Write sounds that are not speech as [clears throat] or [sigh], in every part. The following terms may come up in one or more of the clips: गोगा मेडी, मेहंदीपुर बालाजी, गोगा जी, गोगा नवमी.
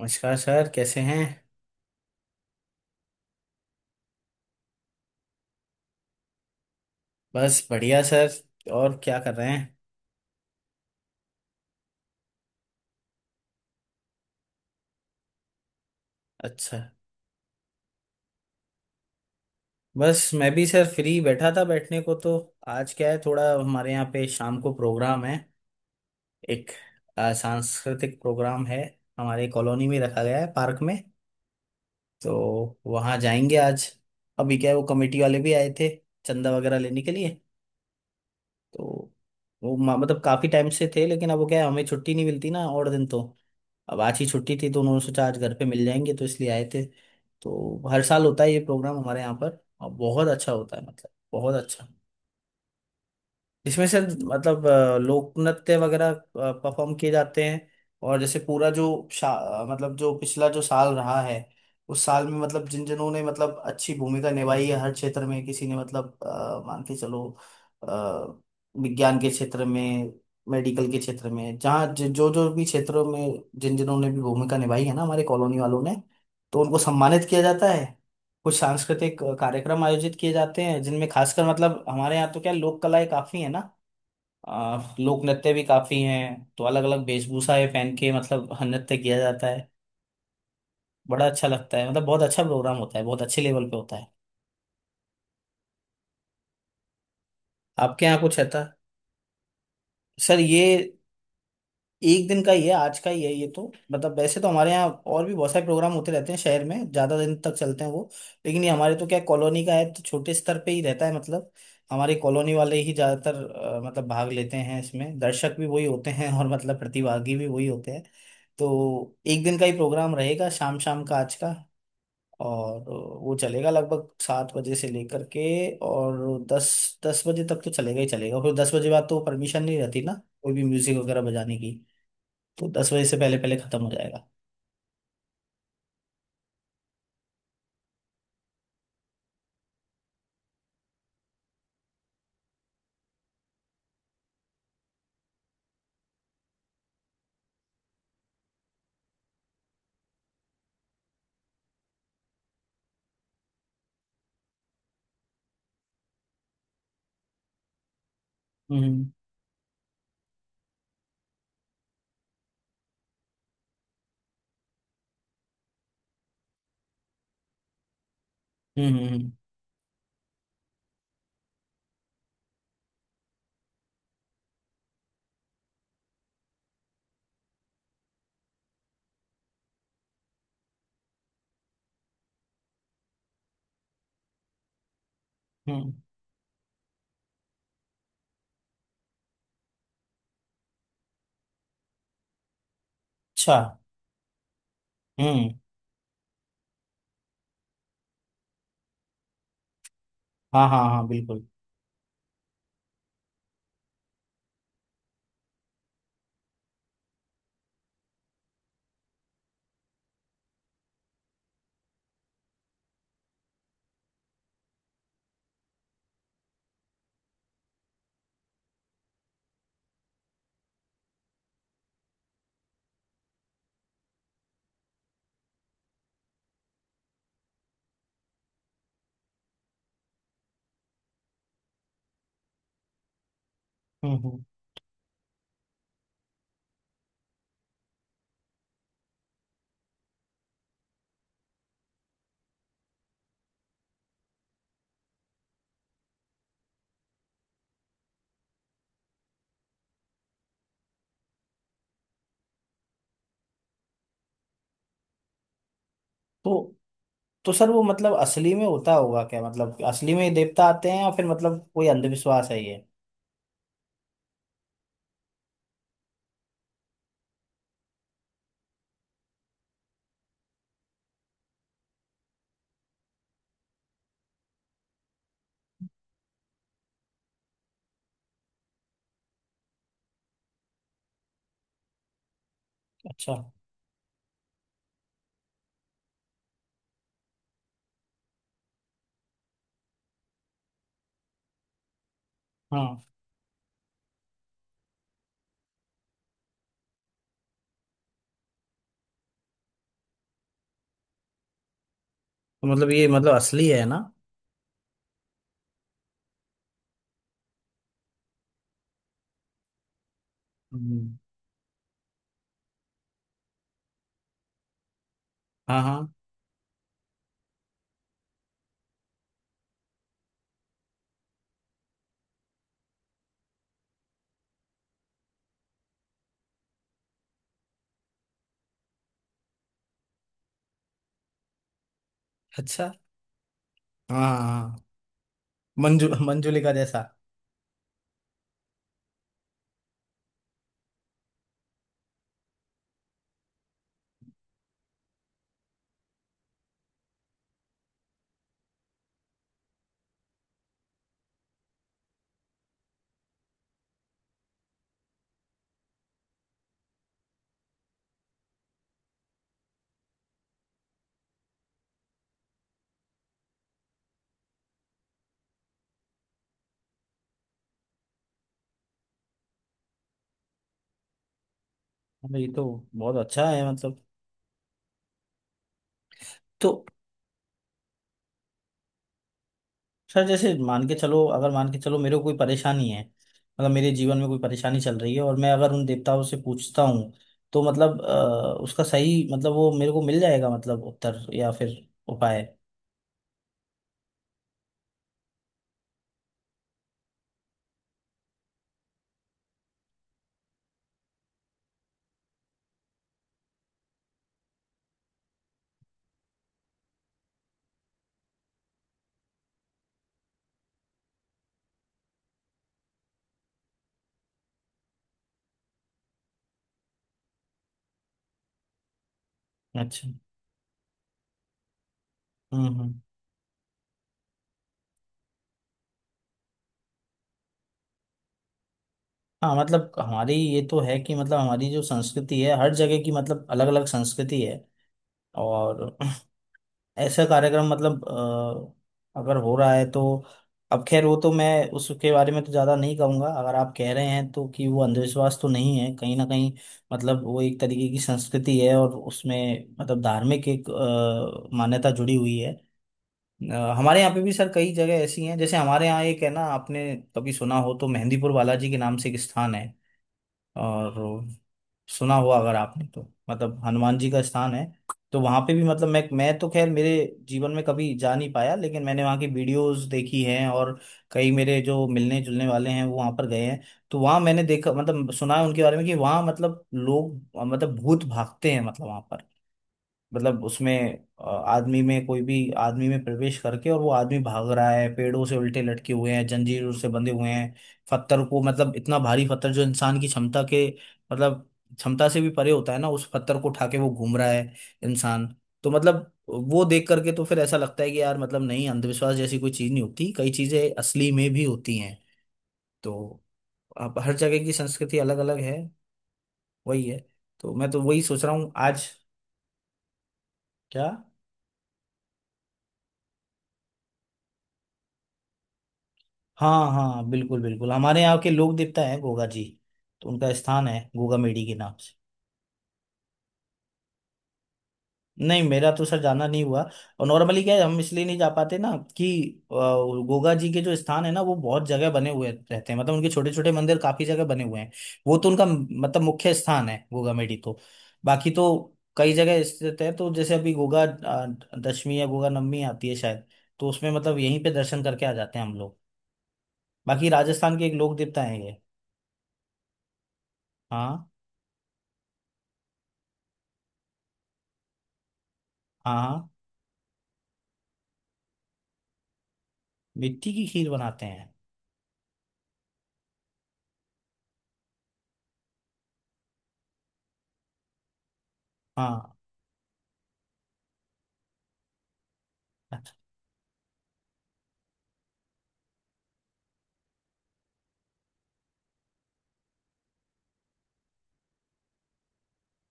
नमस्कार सर, कैसे हैं। बस बढ़िया सर। और क्या कर रहे हैं? अच्छा। बस मैं भी सर फ्री बैठा था बैठने को तो। आज क्या है, थोड़ा हमारे यहाँ पे शाम को प्रोग्राम है। एक सांस्कृतिक प्रोग्राम है, हमारे कॉलोनी में रखा गया है, पार्क में। तो वहाँ जाएंगे आज। अभी क्या है, वो कमेटी वाले भी आए थे, चंदा वगैरह लेने के लिए। तो वो मतलब काफी टाइम से थे, लेकिन अब वो क्या है, हमें छुट्टी नहीं मिलती ना और दिन तो। अब आज ही छुट्टी थी, तो उन्होंने सोचा आज घर पे मिल जाएंगे, तो इसलिए आए थे। तो हर साल होता है ये प्रोग्राम हमारे यहाँ पर, और बहुत अच्छा होता है, मतलब बहुत अच्छा। इसमें से मतलब लोक नृत्य वगैरह परफॉर्म किए जाते हैं, और जैसे पूरा जो मतलब जो पिछला जो साल रहा है, उस साल में मतलब जिन जिनों ने मतलब अच्छी भूमिका निभाई है हर क्षेत्र में, किसी ने मतलब मान के चलो, अ, विज्ञान के क्षेत्र में, मेडिकल के क्षेत्र में, जहाँ जो जो भी क्षेत्रों में जिन जिनों ने भी भूमिका निभाई है ना हमारे कॉलोनी वालों ने, तो उनको सम्मानित किया जाता है। कुछ सांस्कृतिक कार्यक्रम आयोजित किए जाते हैं, जिनमें खासकर मतलब हमारे यहाँ तो क्या लोक कलाएं काफी है ना, लोक नृत्य भी काफी हैं, तो अलग अलग वेशभूषा ये पहन के मतलब नृत्य किया जाता है। बड़ा अच्छा लगता है, मतलब बहुत अच्छा प्रोग्राम होता है, बहुत अच्छे लेवल पे होता है। आपके यहाँ कुछ है था? सर ये एक दिन का ही है, आज का ही है ये तो, मतलब वैसे तो हमारे यहाँ और भी बहुत सारे प्रोग्राम होते रहते हैं शहर में, ज्यादा दिन तक चलते हैं वो। लेकिन ये हमारे तो क्या कॉलोनी का है तो छोटे स्तर पे ही रहता है मतलब। हमारे कॉलोनी वाले ही ज्यादातर मतलब भाग लेते हैं इसमें, दर्शक भी वही होते हैं और मतलब प्रतिभागी भी वही होते हैं। तो एक दिन का ही प्रोग्राम रहेगा, शाम शाम का, आज का। और वो चलेगा लगभग 7 बजे से लेकर के, और दस 10 बजे तक तो चलेगा ही चलेगा, फिर 10 बजे बाद तो परमिशन नहीं रहती ना, कोई भी म्यूजिक वगैरह बजाने की। तो 10 बजे से पहले पहले खत्म हो जाएगा। हम्म। हम्म। हम्म। हम्म, अच्छा। हम्म। हाँ, हाँ, हाँ, बिल्कुल। हम्म। हम्म। तो तो सर वो मतलब असली में होता होगा क्या, मतलब असली में ये देवता आते हैं, या फिर मतलब कोई अंधविश्वास है ये? अच्छा। हाँ। तो मतलब ये मतलब असली है ना? हम्म। हाँ, हाँ। अच्छा। हाँ, हाँ, हाँ। मंजू मंजुलिका जैसा। अरे ये तो बहुत अच्छा है मतलब। तो सर जैसे मान के चलो, अगर मान के चलो मेरे को कोई परेशानी है, मतलब मेरे जीवन में कोई परेशानी चल रही है, और मैं अगर उन देवताओं से पूछता हूँ, तो मतलब उसका सही मतलब वो मेरे को मिल जाएगा, मतलब उत्तर या फिर उपाय। अच्छा। हम्म, हम्म। हाँ मतलब हमारी ये तो है कि मतलब हमारी जो संस्कृति है हर जगह की, मतलब अलग अलग संस्कृति है। और [clears throat] ऐसा कार्यक्रम मतलब, अगर हो रहा है तो, अब खैर वो तो मैं उसके बारे में तो ज्यादा नहीं कहूंगा, अगर आप कह रहे हैं तो कि वो अंधविश्वास तो नहीं है कहीं ना कहीं। मतलब वो एक तरीके की संस्कृति है, और उसमें मतलब धार्मिक एक मान्यता जुड़ी हुई है। हमारे यहाँ पे भी सर कई जगह ऐसी हैं, जैसे हमारे यहाँ एक है ना, आपने कभी सुना हो तो मेहंदीपुर बालाजी के नाम से एक स्थान है, और सुना हुआ अगर आपने तो, मतलब हनुमान जी का स्थान है। तो वहां पे भी मतलब मैं तो खैर मेरे जीवन में कभी जा नहीं पाया, लेकिन मैंने वहां की वीडियोस देखी हैं, और कई मेरे जो मिलने जुलने वाले हैं वो वहां पर गए हैं। तो वहां मैंने देखा, मतलब सुना है उनके बारे में, कि वहां मतलब लोग मतलब भूत भागते हैं, मतलब वहां पर, मतलब उसमें आदमी में कोई भी आदमी में प्रवेश करके, और वो आदमी भाग रहा है, पेड़ों से उल्टे लटके हुए हैं, जंजीरों से बंधे हुए हैं। पत्थर को मतलब इतना भारी पत्थर जो इंसान की क्षमता के मतलब क्षमता से भी परे होता है ना, उस पत्थर को उठा के वो घूम रहा है, इंसान। तो मतलब वो देख करके तो फिर ऐसा लगता है कि यार मतलब नहीं, अंधविश्वास जैसी कोई चीज नहीं होती, कई चीजें असली में भी होती हैं। तो अब हर जगह की संस्कृति अलग अलग है, वही है। तो मैं तो वही सोच रहा हूँ आज। क्या? हाँ, हाँ, बिल्कुल, बिल्कुल, हमारे यहाँ के लोक देवता है गोगा जी। तो उनका स्थान है गोगा मेडी के नाम से। नहीं मेरा तो सर जाना नहीं हुआ, और नॉर्मली क्या है, हम इसलिए नहीं जा पाते ना, कि अ, गोगा जी के जो स्थान है ना वो बहुत जगह बने हुए रहते हैं, मतलब उनके छोटे छोटे मंदिर काफी जगह बने हुए हैं। वो तो उनका मतलब मुख्य स्थान है गोगा मेडी, तो बाकी तो कई जगह स्थित है। तो जैसे अभी गोगा दशमी या गोगा नवमी आती है शायद, तो उसमें मतलब यहीं पे दर्शन करके आ जाते हैं हम लोग। बाकी राजस्थान के एक लोक देवता है ये। हाँ, हाँ, हाँ। मिट्टी की खीर बनाते हैं? हाँ।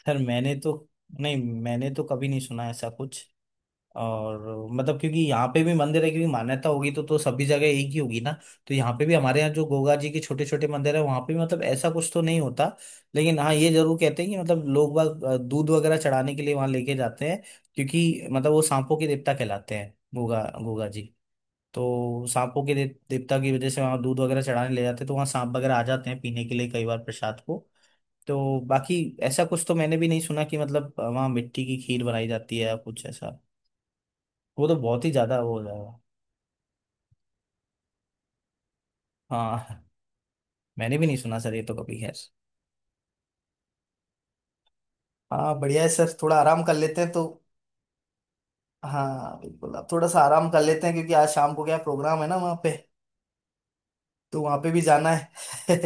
सर मैंने तो, नहीं मैंने तो कभी नहीं सुना ऐसा कुछ, और मतलब क्योंकि यहाँ पे भी मंदिर है, क्योंकि मान्यता होगी तो सभी जगह एक ही होगी ना। तो यहाँ पे भी हमारे यहाँ जो गोगा जी के छोटे छोटे मंदिर है, वहाँ पे भी मतलब ऐसा कुछ तो नहीं होता। लेकिन हाँ ये जरूर कहते हैं कि मतलब लोग बाग दूध वगैरह चढ़ाने के लिए वहाँ लेके जाते हैं, क्योंकि मतलब वो सांपों के देवता कहलाते हैं, गोगा गोगा जी। तो सांपों के देवता की वजह से वहाँ दूध वगैरह चढ़ाने ले जाते हैं, तो वहाँ सांप वगैरह आ जाते हैं पीने के लिए, कई बार प्रसाद को। तो बाकी ऐसा कुछ तो मैंने भी नहीं सुना कि मतलब वहाँ मिट्टी की खीर बनाई जाती है या कुछ ऐसा, वो तो बहुत ही ज्यादा वो हो जाएगा। हाँ [laughs] मैंने भी नहीं सुना सर, ये तो कभी, खैर। हाँ बढ़िया है सर, थोड़ा आराम कर लेते हैं तो। हाँ बिल्कुल, आप थोड़ा सा आराम कर लेते हैं, क्योंकि आज शाम को क्या प्रोग्राम है ना वहाँ पे, तो वहाँ पे भी जाना है।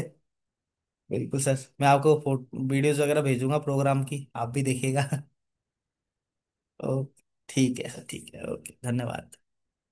[laughs] बिल्कुल सर, मैं आपको फोटो वीडियोस वगैरह भेजूंगा प्रोग्राम की, आप भी देखिएगा। [laughs] ओ। ठीक है सर, ठीक है, ओके, धन्यवाद।